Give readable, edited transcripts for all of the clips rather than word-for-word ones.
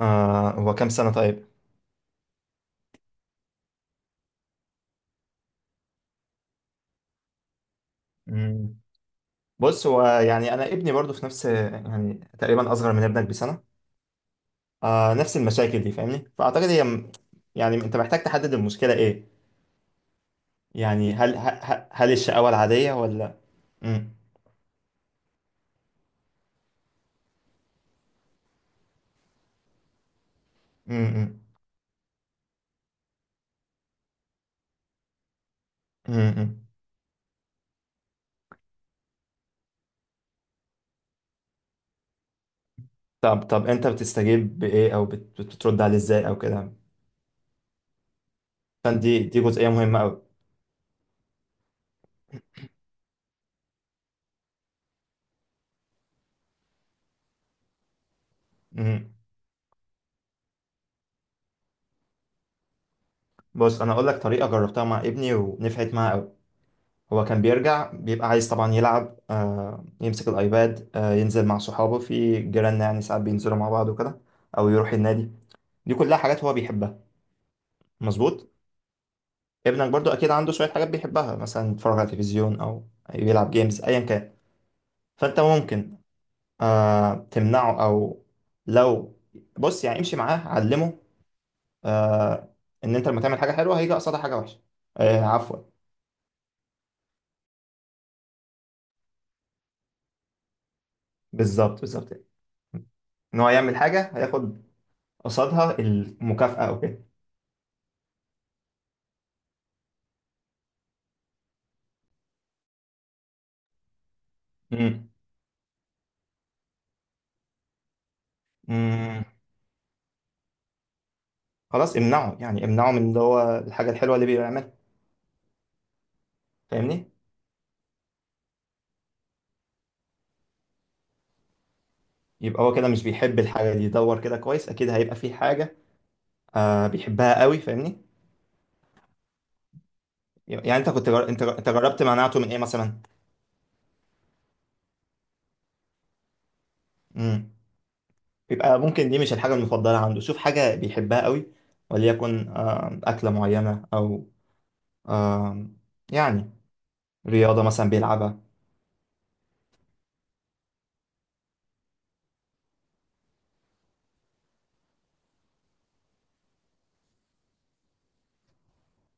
هو كام سنة طيب؟ مم. بص هو يعني أنا ابني برضو في نفس، يعني تقريبا أصغر من ابنك بسنة. نفس المشاكل دي فاهمني؟ فأعتقد يعني أنت محتاج تحدد المشكلة إيه؟ يعني هل الشقاوة العادية ولا؟ مم. مم. مم. مم. مم. طب، أنت بتستجيب بإيه أو بترد عليه إزاي أو كده؟ فدي دي دي جزئية مهمة أوي. مم. بص، أنا أقول لك طريقة جربتها مع ابني ونفعت معاه أوي. هو كان بيرجع بيبقى عايز طبعا يلعب، يمسك الأيباد، ينزل مع صحابه في جيراننا، يعني ساعات بينزلوا مع بعض وكده، أو يروح النادي. دي كلها حاجات هو بيحبها. مظبوط. ابنك برضو أكيد عنده شوية حاجات بيحبها، مثلا يتفرج على التلفزيون أو يلعب جيمز أيا كان. فأنت ممكن تمنعه، أو لو، بص يعني، امشي معاه علمه آه، إن أنت لما تعمل حاجة حلوة هيجي قصادها حاجة وحشة. عفوا. بالظبط، بالظبط. ان هو يعمل حاجه هياخد قصادها المكافاه او كده. امم امم خلاص امنعه، يعني امنعه من اللي هو الحاجة الحلوة اللي بيعملها. فاهمني. يبقى هو كده مش بيحب الحاجة دي. يدور كده كويس، اكيد هيبقى في حاجة بيحبها قوي. فاهمني. يعني انت كنت جر... انت انت جربت منعته من ايه مثلا؟ امم يبقى ممكن دي مش الحاجة المفضلة عنده. شوف حاجة بيحبها قوي، وليكن أكلة معينة، او آه يعني رياضة مثلا بيلعبها.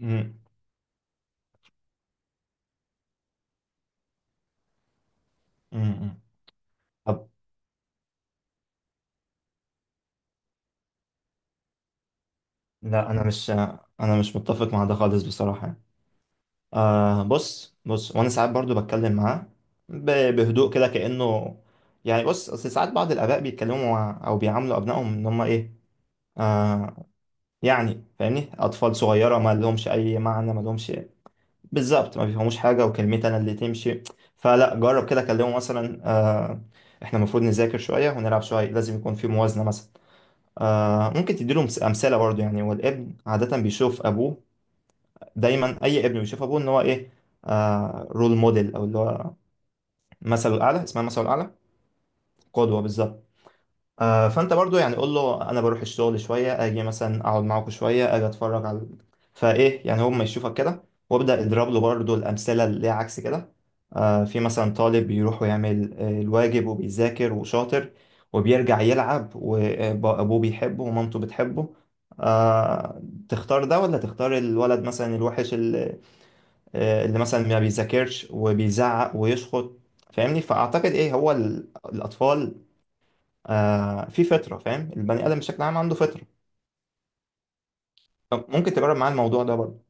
امم أمم. طب لا، انا مش متفق مع ده خالص بصراحة. بص، بص وانا ساعات برضو بتكلم معاه بهدوء كده كأنه، يعني بص اصل ساعات بعض الآباء بيتكلموا مع او بيعاملوا ابنائهم ان هم ايه، آه يعني فاهمني، اطفال صغيرة ما لهمش اي معنى، ما لهمش. بالظبط، ما بيفهموش حاجة، وكلمتي انا اللي تمشي. فلا، جرب كده، كلمه مثلا احنا المفروض نذاكر شوية ونلعب شوية، لازم يكون في موازنة مثلا. ممكن تديله امثلة برضو، يعني، والابن عادة بيشوف ابوه. دايما اي ابن بيشوف ابوه ان هو ايه، رول موديل، او اللي هو مثله الاعلى. اسمها مثله الاعلى. قدوه بالظبط. فانت برضو يعني، قول له انا بروح الشغل شويه، اجي مثلا اقعد معاكم شويه، اجي اتفرج على فايه، يعني هو ما يشوفك كده. وابدا اضرب له برضو الامثله اللي هي عكس كده. في مثلا طالب بيروح ويعمل الواجب وبيذاكر وشاطر، وبيرجع يلعب وابوه بيحبه ومامته بتحبه، آه تختار ده ولا تختار الولد مثلا الوحش اللي مثلا ما بيذاكرش وبيزعق ويشخط. فاهمني. فاعتقد ايه، هو الاطفال في فطره. فاهم، البني ادم بشكل عام عنده فطره. طب ممكن تجرب معاه الموضوع ده برضه.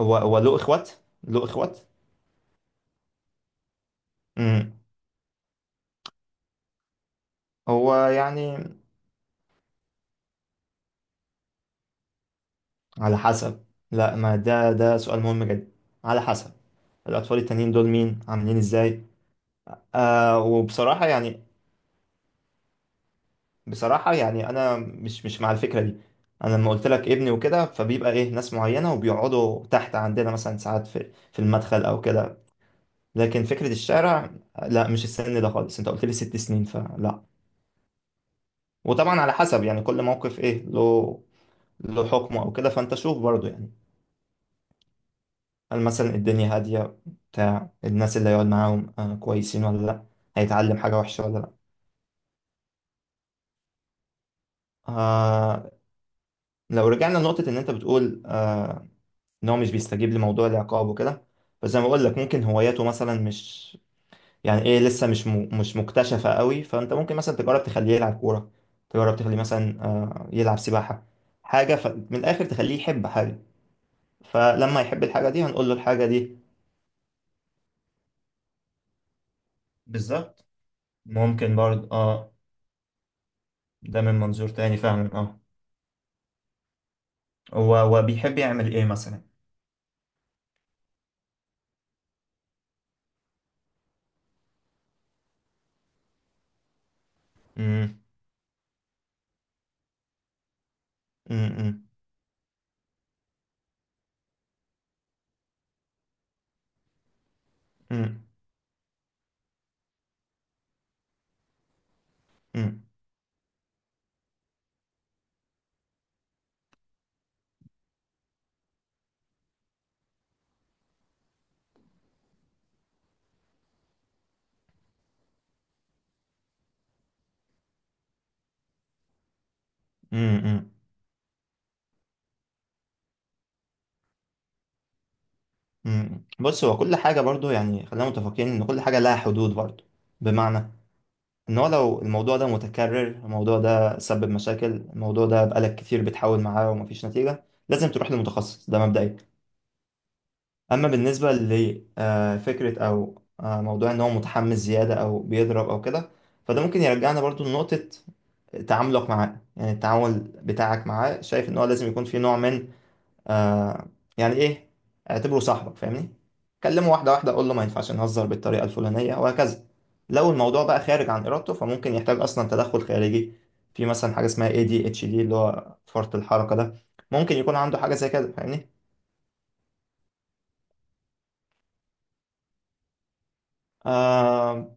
هو له اخوات؟ له اخوات؟ امم هو يعني، على حسب. لا، ما ده سؤال مهم جدا. على حسب، الاطفال التانيين دول مين عاملين ازاي؟ وبصراحه يعني، بصراحة يعني أنا مش مع الفكرة دي. أنا لما قلت لك ابني وكده، فبيبقى إيه، ناس معينة وبيقعدوا تحت عندنا مثلا ساعات في المدخل أو كده. لكن فكرة الشارع، لا، مش السن ده خالص، أنت قلت لي 6 سنين، فلا. وطبعا على حسب، يعني كل موقف إيه له حكمه أو كده. فأنت شوف برضه، يعني هل مثلا الدنيا هادية، بتاع الناس اللي هيقعد معاهم كويسين ولا لا؟ هيتعلم حاجة وحشة ولا لا؟ آه لو رجعنا لنقطة إن أنت بتقول ان هو مش بيستجيب لموضوع العقاب وكده. فزي ما بقول لك، ممكن هواياته مثلا مش، يعني ايه، لسه مش مكتشفة قوي. فانت ممكن مثلا تجرب تخليه يلعب كورة، تجرب تخليه مثلا يلعب سباحة. من الاخر، تخليه يحب حاجة. فلما يحب الحاجة دي، هنقول له الحاجة دي. بالظبط. ممكن برضه اه. ده من منظور تاني فعلا اه. هو بيحب يعمل ايه مثلا؟ امم امم امم امم مم. بص، هو كل حاجة برضو، يعني خلينا متفقين إن كل حاجة لها حدود برضو. بمعنى إن هو لو الموضوع ده متكرر، الموضوع ده سبب مشاكل، الموضوع ده بقالك كتير بتحاول معاه ومفيش نتيجة، لازم تروح لمتخصص. ده مبدئيا. أما بالنسبة لفكرة أو موضوع إن هو متحمس زيادة أو بيضرب أو كده، فده ممكن يرجعنا برضو لنقطة تعاملك معاه، يعني التعامل بتاعك معاه. شايف إن هو لازم يكون في نوع من، آه يعني ايه، اعتبره صاحبك. فاهمني. كلمه واحده واحده، قول له ما ينفعش نهزر بالطريقه الفلانيه وهكذا. لو الموضوع بقى خارج عن ارادته، فممكن يحتاج اصلا تدخل خارجي. في مثلا حاجه اسمها اي دي اتش دي، اللي هو فرط الحركه ده. ممكن يكون عنده حاجه زي كده فاهمني. آه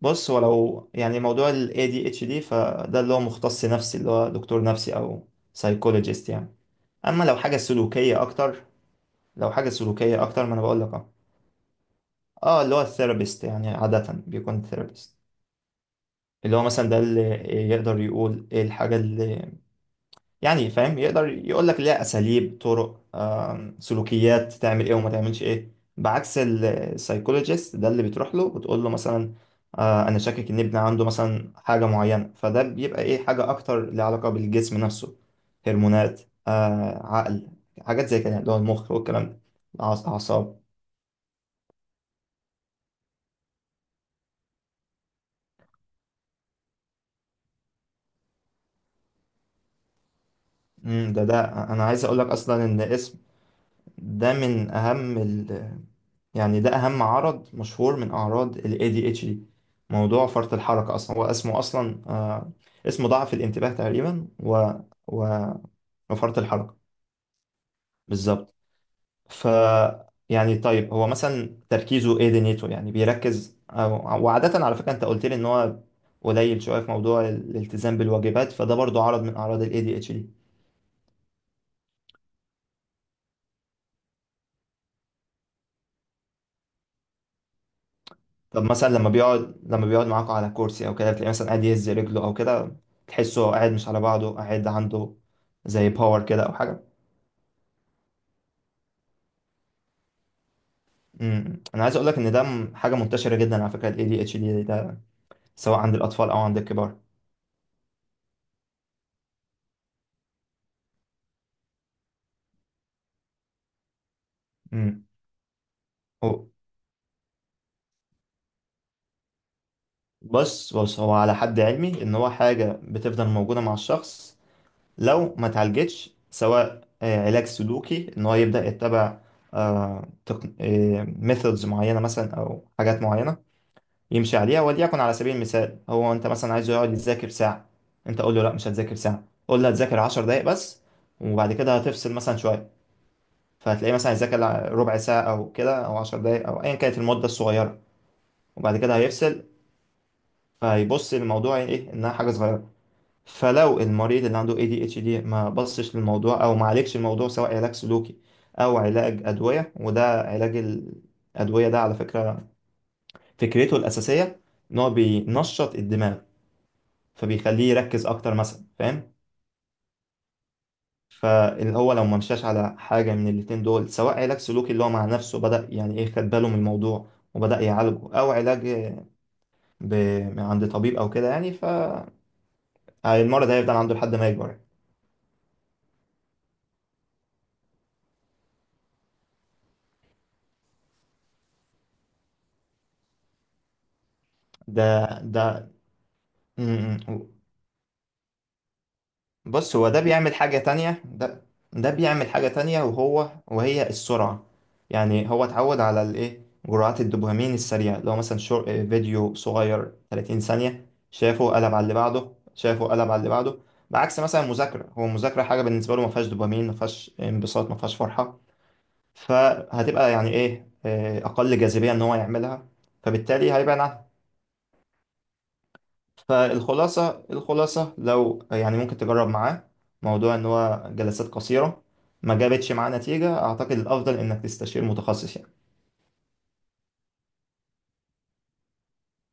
بص، هو لو يعني موضوع ال ADHD، فده اللي هو مختص نفسي، اللي هو دكتور نفسي أو سايكولوجيست يعني. أما لو حاجة سلوكية أكتر، لو حاجة سلوكية أكتر، ما أنا بقول لك، اه، اللي هو الثيرابيست، يعني عادة بيكون ثيرابيست، اللي هو مثلا ده اللي يقدر يقول ايه الحاجة اللي، يعني فاهم، يقدر يقول لك ليها أساليب، طرق، سلوكيات، تعمل ايه وما تعملش ايه. بعكس السايكولوجيست ده، اللي بتروح له وتقول له مثلا أنا شاكك إن ابني عنده مثلا حاجة معينة. فده بيبقى ايه، حاجة أكتر ليها علاقة بالجسم نفسه، هرمونات، عقل، حاجات زي كده اللي هو المخ والكلام، ده الأعصاب. مم، ده أنا عايز أقول لك أصلا إن اسم، ده من أهم يعني ده أهم عرض مشهور من أعراض ال ADHD. موضوع فرط الحركة أصلا، هو اسمه أصلا اسمه ضعف الانتباه تقريبا و... وفرط الحركة. بالظبط. ف يعني طيب، هو مثلا تركيزه ايه، دنيته يعني بيركز وعادة على فكرة أنت قلت لي إن هو قليل شوية في موضوع الالتزام بالواجبات، فده برضو عرض من أعراض ال ADHD. طب مثلا لما بيقعد معاكوا على كرسي او كده، بتلاقيه مثلا قاعد يهز رجله او كده. تحسه قاعد مش على بعضه، قاعد عنده زي باور كده او حاجه. انا عايز اقول لك ان حاجه منتشره جدا على فكره. الاي دي اتش دي ده سواء عند الاطفال او عند الكبار. امم هو، بص بص هو، على حد علمي ان هو حاجه بتفضل موجوده مع الشخص لو ما اتعالجتش. سواء علاج سلوكي، ان هو يبدا يتبع ميثودز معينه مثلا، او حاجات معينه يمشي عليها. وليكن على سبيل المثال، هو انت مثلا عايزه يقعد يذاكر ساعة. انت قول له لا، مش هتذاكر ساعة، قول له هتذاكر 10 دقايق بس، وبعد كده هتفصل مثلا شوية. فهتلاقيه مثلا هيذاكر ربع ساعة أو كده، أو 10 دقايق، أو أيا كانت المدة الصغيرة. وبعد كده هيفصل. فهيبص للموضوع إيه، إنها حاجة صغيرة. فلو المريض اللي عنده ADHD ما بصش للموضوع أو ما عالجش الموضوع، سواء علاج سلوكي أو علاج أدوية. وده علاج الأدوية، ده على فكرة فكرته الأساسية إن هو بينشط الدماغ، فبيخليه يركز اكتر مثلا، فاهم. فهو لو منشاش على حاجه من الاتنين دول، سواء علاج سلوكي اللي هو مع نفسه، بدأ يعني ايه خد باله من الموضوع وبدأ يعالجه، او ب... من عند طبيب او كده، يعني فالمرض هيفضل عنده لحد ما يكبر. ده ده م- م. بص، هو ده بيعمل حاجة تانية. ده ده بيعمل حاجة تانية، وهي السرعة. يعني هو اتعود على الايه جرعات الدوبامين السريعة، لو مثلا فيديو صغير 30 ثانية شافه قلب على اللي بعده، شافه قلب على اللي بعده. بعكس مثلا مذاكرة، هو المذاكرة حاجة بالنسبة له ما فيهاش دوبامين، ما فيهاش انبساط، ما فيهاش فرحة، فهتبقى يعني ايه أقل جاذبية إن هو يعملها، فبالتالي هيبعد عنها. فالخلاصة، الخلاصة، لو يعني ممكن تجرب معاه موضوع ان هو جلسات قصيرة. ما جابتش معاه نتيجة، اعتقد الافضل انك تستشير متخصص يعني.